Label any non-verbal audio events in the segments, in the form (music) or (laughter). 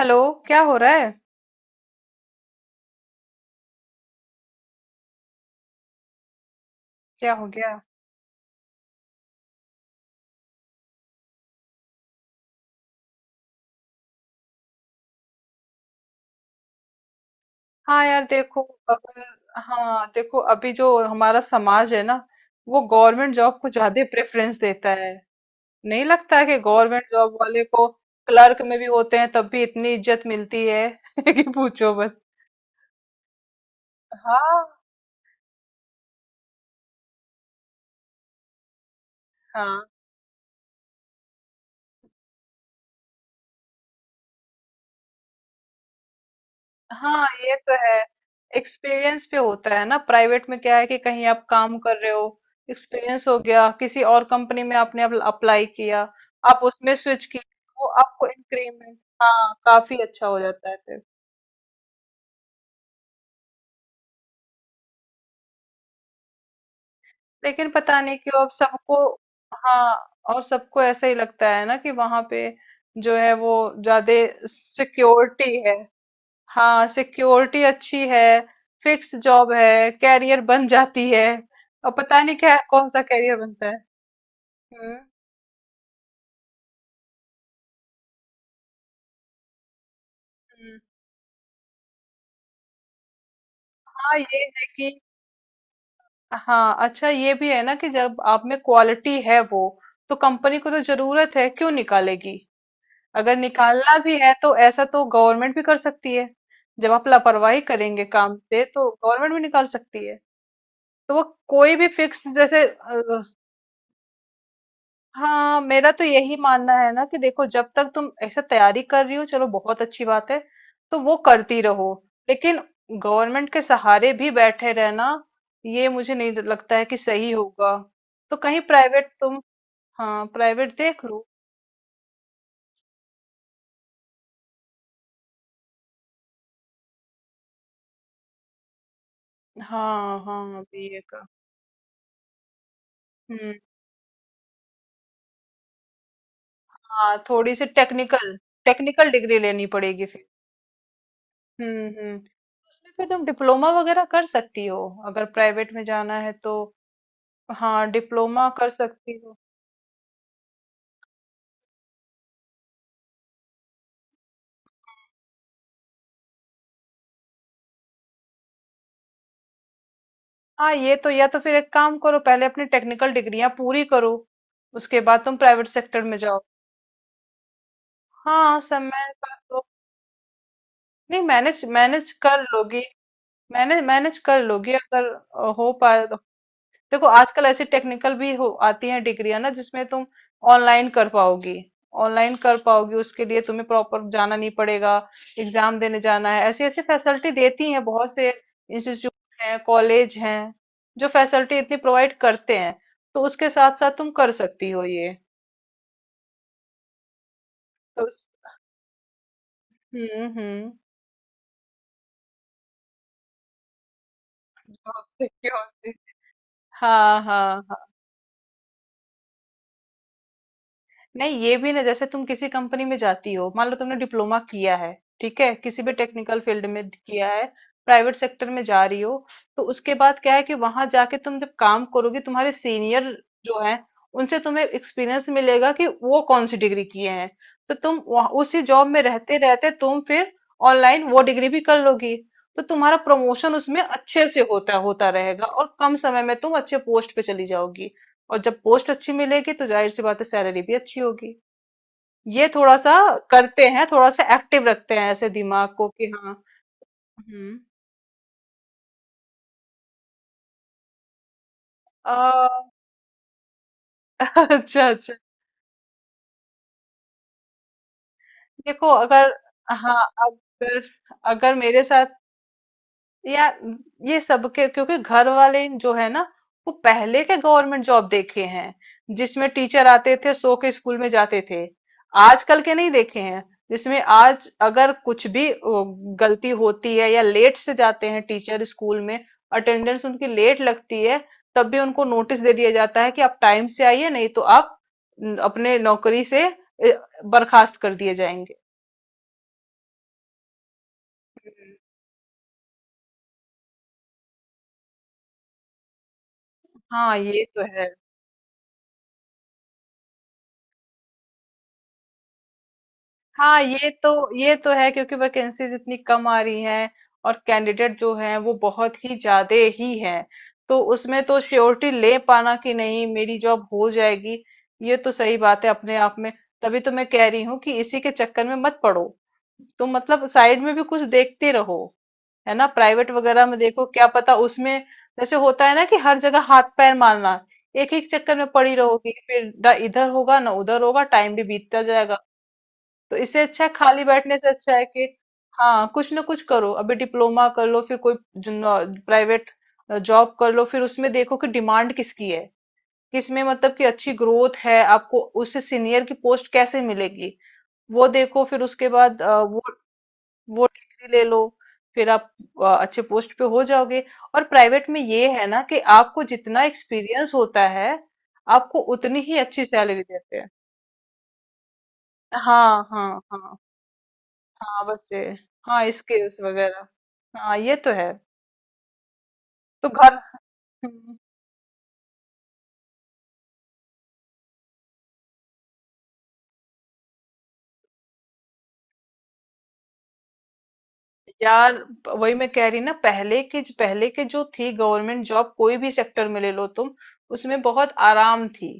Hello. क्या हो रहा है? क्या हो गया? हाँ यार, देखो, अगर हाँ, देखो, अभी जो हमारा समाज है ना, वो गवर्नमेंट जॉब को ज्यादा प्रेफरेंस देता है। नहीं लगता है कि गवर्नमेंट जॉब वाले को, क्लर्क में भी होते हैं तब भी इतनी इज्जत मिलती है (laughs) कि पूछो बस। हाँ, हाँ, हाँ, ये तो है। एक्सपीरियंस पे होता है ना। प्राइवेट में क्या है कि कहीं आप काम कर रहे हो, एक्सपीरियंस हो गया, किसी और कंपनी में आपने अप्लाई किया, आप उसमें स्विच किए, वो आपको इंक्रीमेंट, हाँ, काफी अच्छा हो जाता है फिर। लेकिन पता नहीं क्यों अब सबको, हाँ, और सबको ऐसा ही लगता है ना कि वहां पे जो है वो ज्यादा सिक्योरिटी है। हाँ, सिक्योरिटी अच्छी है। फिक्स जॉब है, कैरियर बन जाती है। और पता नहीं क्या, कौन सा कैरियर बनता है। हम्म, हम्म। हाँ, ये है कि, हाँ, अच्छा ये भी है ना कि जब आप में क्वालिटी है, वो तो कंपनी को तो जरूरत है, क्यों निकालेगी। अगर निकालना भी है तो ऐसा तो गवर्नमेंट भी कर सकती है। जब आप लापरवाही करेंगे काम से तो गवर्नमेंट भी निकाल सकती है। तो वो कोई भी फिक्स जैसे, हाँ, मेरा तो यही मानना है ना कि देखो, जब तक तुम ऐसे तैयारी कर रही हो चलो बहुत अच्छी बात है, तो वो करती रहो। लेकिन गवर्नमेंट के सहारे भी बैठे रहना, ये मुझे नहीं लगता है कि सही होगा। तो कहीं प्राइवेट तुम, हाँ, प्राइवेट देख लो। हाँ, हाँ, BA का। हम्म, हाँ, थोड़ी सी टेक्निकल, टेक्निकल डिग्री लेनी पड़ेगी फिर। हम्म, हम्म। उसमें फिर तुम डिप्लोमा वगैरह कर सकती हो अगर प्राइवेट में जाना है तो। हाँ, डिप्लोमा कर सकती हो। हाँ, ये तो, या तो फिर एक काम करो, पहले अपनी टेक्निकल डिग्रियां पूरी करो, उसके बाद तुम प्राइवेट सेक्टर में जाओ। हाँ, समय का तो, नहीं, मैनेज मैनेज कर लोगी। मैनेज मैनेज कर लोगी अगर हो पा। देखो, आजकल ऐसी टेक्निकल भी हो आती हैं डिग्रियां ना, जिसमें तुम ऑनलाइन कर पाओगी। ऑनलाइन कर पाओगी, उसके लिए तुम्हें प्रॉपर जाना नहीं पड़ेगा, एग्जाम देने जाना है। ऐसी ऐसी फैसिलिटी देती हैं, बहुत से इंस्टीट्यूट हैं, कॉलेज हैं जो फैसिलिटी इतनी प्रोवाइड करते हैं। तो उसके साथ साथ तुम कर सकती हो ये। तो उस- हम्म, हम्म। जॉब सिक्योर हाँ, हाँ। नहीं, ये भी ना, जैसे तुम किसी कंपनी में जाती हो, मान लो तुमने डिप्लोमा किया है, ठीक है, किसी भी टेक्निकल फील्ड में किया है, प्राइवेट सेक्टर में जा रही हो, तो उसके बाद क्या है कि वहां जाके तुम जब काम करोगे, तुम्हारे सीनियर जो है, उनसे तुम्हें एक्सपीरियंस मिलेगा कि वो कौन सी डिग्री किए हैं। तो तुम उसी जॉब में रहते रहते तुम फिर ऑनलाइन वो डिग्री भी कर लोगी। तो तुम्हारा प्रमोशन उसमें अच्छे से होता होता रहेगा, और कम समय में तुम अच्छे पोस्ट पे चली जाओगी। और जब पोस्ट अच्छी मिलेगी तो जाहिर सी बात है, सैलरी भी अच्छी होगी। ये थोड़ा सा करते हैं, थोड़ा सा एक्टिव रखते हैं ऐसे दिमाग को कि, हाँ। हम्म, आ, (laughs) अच्छा, अच्छा। देखो, अगर हाँ, अगर अगर मेरे साथ, यार, ये सबके क्योंकि घर वाले जो है ना, वो पहले के गवर्नमेंट जॉब देखे हैं, जिसमें टीचर आते थे सो के स्कूल में जाते थे। आजकल के नहीं देखे हैं, जिसमें आज अगर कुछ भी गलती होती है या लेट से जाते हैं टीचर स्कूल में, अटेंडेंस उनकी लेट लगती है, तब भी उनको नोटिस दे दिया जाता है कि आप टाइम से आइए, नहीं तो आप न, अपने नौकरी से ए, बर्खास्त कर दिए जाएंगे। हम्म। हाँ, ये तो है। हाँ, ये तो है क्योंकि वैकेंसीज इतनी कम आ रही हैं, और कैंडिडेट जो हैं वो बहुत ही ज्यादा ही हैं। तो उसमें तो श्योरिटी ले पाना कि नहीं मेरी जॉब हो जाएगी, ये तो सही बात है अपने आप में। तभी तो मैं कह रही हूँ कि इसी के चक्कर में मत पड़ो, तुम मतलब साइड में भी कुछ देखते रहो। है ना, प्राइवेट वगैरह में देखो, क्या पता उसमें, जैसे होता है ना कि हर जगह हाथ पैर मारना, एक एक चक्कर में पड़ी रहोगी फिर, ना इधर होगा ना उधर होगा, टाइम भी बीतता जाएगा। तो इससे अच्छा है, खाली बैठने से अच्छा है कि, हाँ, कुछ ना कुछ करो, अभी डिप्लोमा कर लो, फिर कोई प्राइवेट जॉब कर लो, फिर उसमें देखो कि डिमांड किसकी है, किसमें मतलब कि अच्छी ग्रोथ है, आपको उससे सीनियर की पोस्ट कैसे मिलेगी, वो देखो फिर उसके बाद वो डिग्री ले लो, फिर आप अच्छे पोस्ट पे हो जाओगे। और प्राइवेट में ये है ना कि आपको जितना एक्सपीरियंस होता है, आपको उतनी ही अच्छी सैलरी देते हैं। हाँ, हाँ, हाँ, हाँ बस ये, हाँ स्किल्स वगैरह, हाँ ये तो है। तो घर हम्म। यार, वही मैं कह रही ना, पहले के जो थी गवर्नमेंट जॉब, कोई भी सेक्टर में ले लो तुम, उसमें बहुत आराम थी,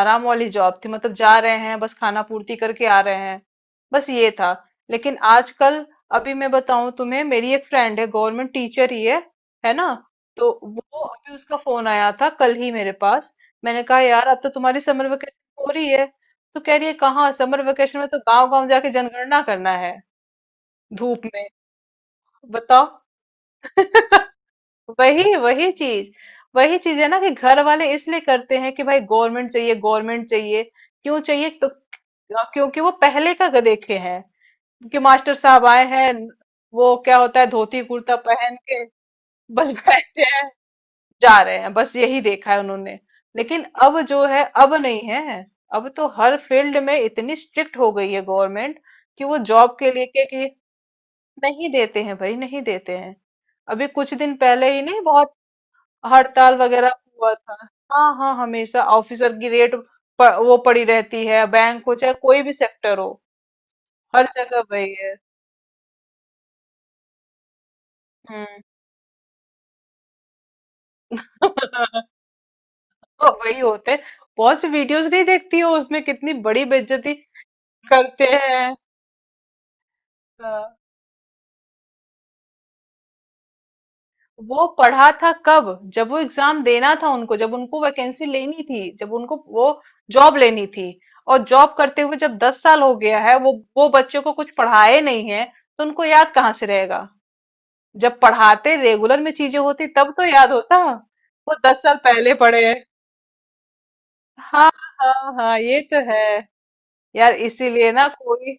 आराम वाली जॉब थी, मतलब जा रहे हैं बस खाना पूर्ति करके आ रहे हैं, बस ये था। लेकिन आजकल, अभी मैं बताऊं तुम्हें, मेरी एक फ्रेंड है गवर्नमेंट टीचर ही है ना, तो वो, अभी उसका फोन आया था कल ही मेरे पास, मैंने कहा यार, अब तो तुम्हारी समर वेकेशन हो रही है, तो कह रही है कहाँ, समर वेकेशन में तो गांव गांव जाके जनगणना करना है धूप में, बताओ। (laughs) वही वही चीज, वही चीज है ना, कि घर वाले इसलिए करते हैं कि भाई गवर्नमेंट चाहिए, गवर्नमेंट चाहिए, क्यों चाहिए? तो क्योंकि वो पहले का देखे हैं, कि मास्टर साहब आए हैं, वो क्या होता है धोती कुर्ता पहन के, बस (laughs) बैठे हैं, जा रहे हैं बस, यही देखा है उन्होंने। लेकिन अब जो है अब नहीं है। अब तो हर फील्ड में इतनी स्ट्रिक्ट हो गई है गवर्नमेंट कि वो जॉब के लिए के, कि नहीं देते हैं भाई, नहीं देते हैं। अभी कुछ दिन पहले ही नहीं, बहुत हड़ताल वगैरह हुआ था। हाँ, हाँ, हमेशा ऑफिसर की रेट, वो पड़ी रहती है, बैंक हो चाहे कोई भी सेक्टर हो, हर जगह वही है। हम्म। (laughs) वही होते हैं। बहुत सी वीडियोस नहीं देखती हो उसमें कितनी बड़ी बेइज्जती करते हैं। हाँ। वो पढ़ा था कब? जब वो एग्जाम देना था उनको, जब उनको वैकेंसी लेनी थी, जब उनको वो जॉब लेनी थी। और जॉब करते हुए जब 10 साल हो गया है, वो बच्चे को कुछ पढ़ाए नहीं है, तो उनको याद कहाँ से रहेगा। जब पढ़ाते रेगुलर में चीजें होती तब तो याद होता। वो 10 साल पहले पढ़े हैं। हाँ, हाँ, हाँ, ये तो है। यार, इसीलिए ना कोई,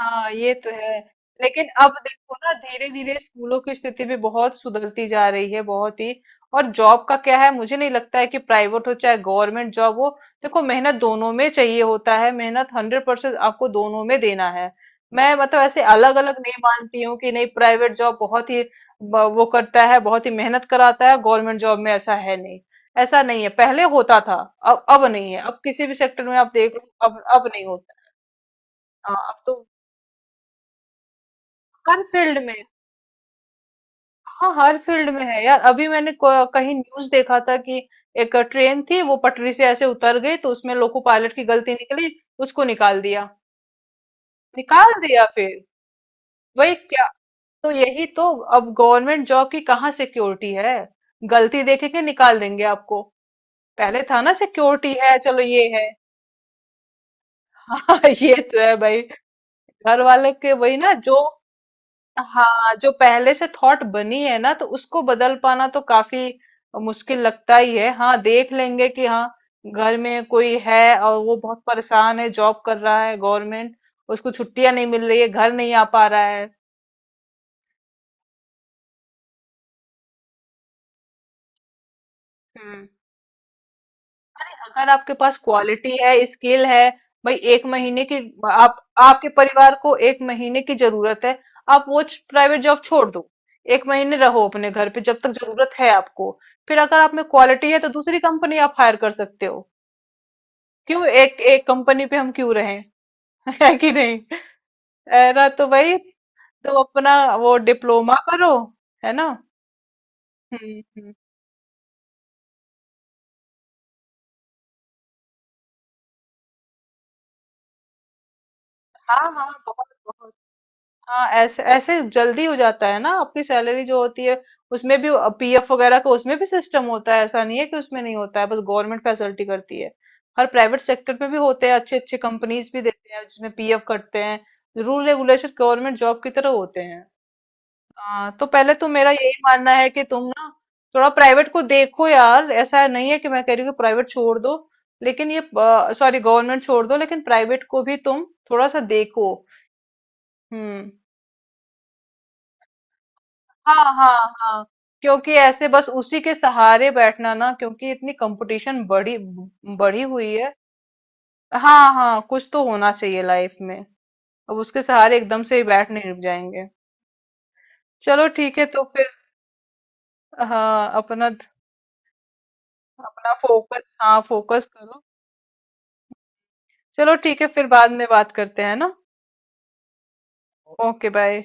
हाँ ये तो है। लेकिन अब देखो ना, धीरे धीरे स्कूलों की स्थिति भी बहुत सुधरती जा रही है, बहुत ही। और जॉब का क्या है, मुझे नहीं लगता है कि प्राइवेट हो चाहे गवर्नमेंट जॉब हो, देखो मेहनत दोनों में चाहिए होता है, मेहनत 100% आपको दोनों में देना है। मैं मतलब ऐसे अलग अलग नहीं मानती हूँ कि, नहीं, प्राइवेट जॉब बहुत ही वो करता है, बहुत ही मेहनत कराता है, गवर्नमेंट जॉब में ऐसा है नहीं। ऐसा नहीं है, पहले होता था, अब नहीं है, अब किसी भी सेक्टर में आप देख लो, अब नहीं होता। हाँ, अब तो हर फील्ड में, हाँ हर फील्ड में है यार। अभी मैंने कहीं न्यूज देखा था कि एक ट्रेन थी, वो पटरी से ऐसे उतर गई, तो उसमें लोको पायलट की गलती निकली, उसको निकाल दिया, निकाल दिया फिर, वही क्या, तो यही तो, अब गवर्नमेंट जॉब की कहाँ सिक्योरिटी है, गलती देखेंगे निकाल देंगे आपको, पहले था ना सिक्योरिटी है, चलो ये है। (laughs) हाँ, ये तो है भाई। घर वाले के वही ना जो, हाँ, जो पहले से थॉट बनी है ना, तो उसको बदल पाना तो काफी मुश्किल लगता ही है। हाँ, देख लेंगे कि, हाँ, घर में कोई है और वो बहुत परेशान है, जॉब कर रहा है गवर्नमेंट, उसको छुट्टियां नहीं मिल रही है, घर नहीं आ पा रहा है। अगर आपके पास क्वालिटी है, स्किल है, भाई एक महीने की, आप आपके परिवार को एक महीने की जरूरत है, आप वो प्राइवेट जॉब छोड़ दो, एक महीने रहो अपने घर पे जब तक जरूरत है आपको, फिर अगर आप में क्वालिटी है तो दूसरी कंपनी आप हायर कर सकते हो। क्यों एक एक कंपनी पे हम क्यों रहें? (laughs) है कि नहीं? है ना, तो भाई, तो अपना वो डिप्लोमा करो, है ना। हम्म, हम्म, हाँ, हाँ, बहुत बहुत। हाँ, ऐसे ऐसे जल्दी हो जाता है ना, आपकी सैलरी जो होती है उसमें भी, PF वगैरह का उसमें भी सिस्टम होता है, ऐसा नहीं है कि उसमें नहीं होता है, बस गवर्नमेंट फैसिलिटी करती है। हर प्राइवेट सेक्टर में भी होते हैं, अच्छे अच्छे कंपनीज भी देते हैं जिसमें PF कटते हैं, रूल रेगुलेशन गवर्नमेंट जॉब की तरह होते हैं। हाँ, तो पहले तो मेरा यही मानना है कि तुम ना, थोड़ा प्राइवेट को देखो यार, ऐसा नहीं है कि मैं कह रही हूँ कि प्राइवेट छोड़ दो, लेकिन ये, सॉरी, गवर्नमेंट छोड़ दो, लेकिन प्राइवेट को भी तुम थोड़ा सा देखो। हम्म, हाँ, हाँ, हाँ, क्योंकि ऐसे बस उसी के सहारे बैठना ना, क्योंकि इतनी कंपटीशन बढ़ी बढ़ी हुई है। हाँ, हाँ, कुछ तो होना चाहिए लाइफ में, अब उसके सहारे एकदम से ही बैठ नहीं जाएंगे। चलो ठीक है, तो फिर, हाँ, अपना अपना फोकस, हाँ, फोकस करो। चलो ठीक है, फिर बाद में बात करते हैं ना। Okay, bye.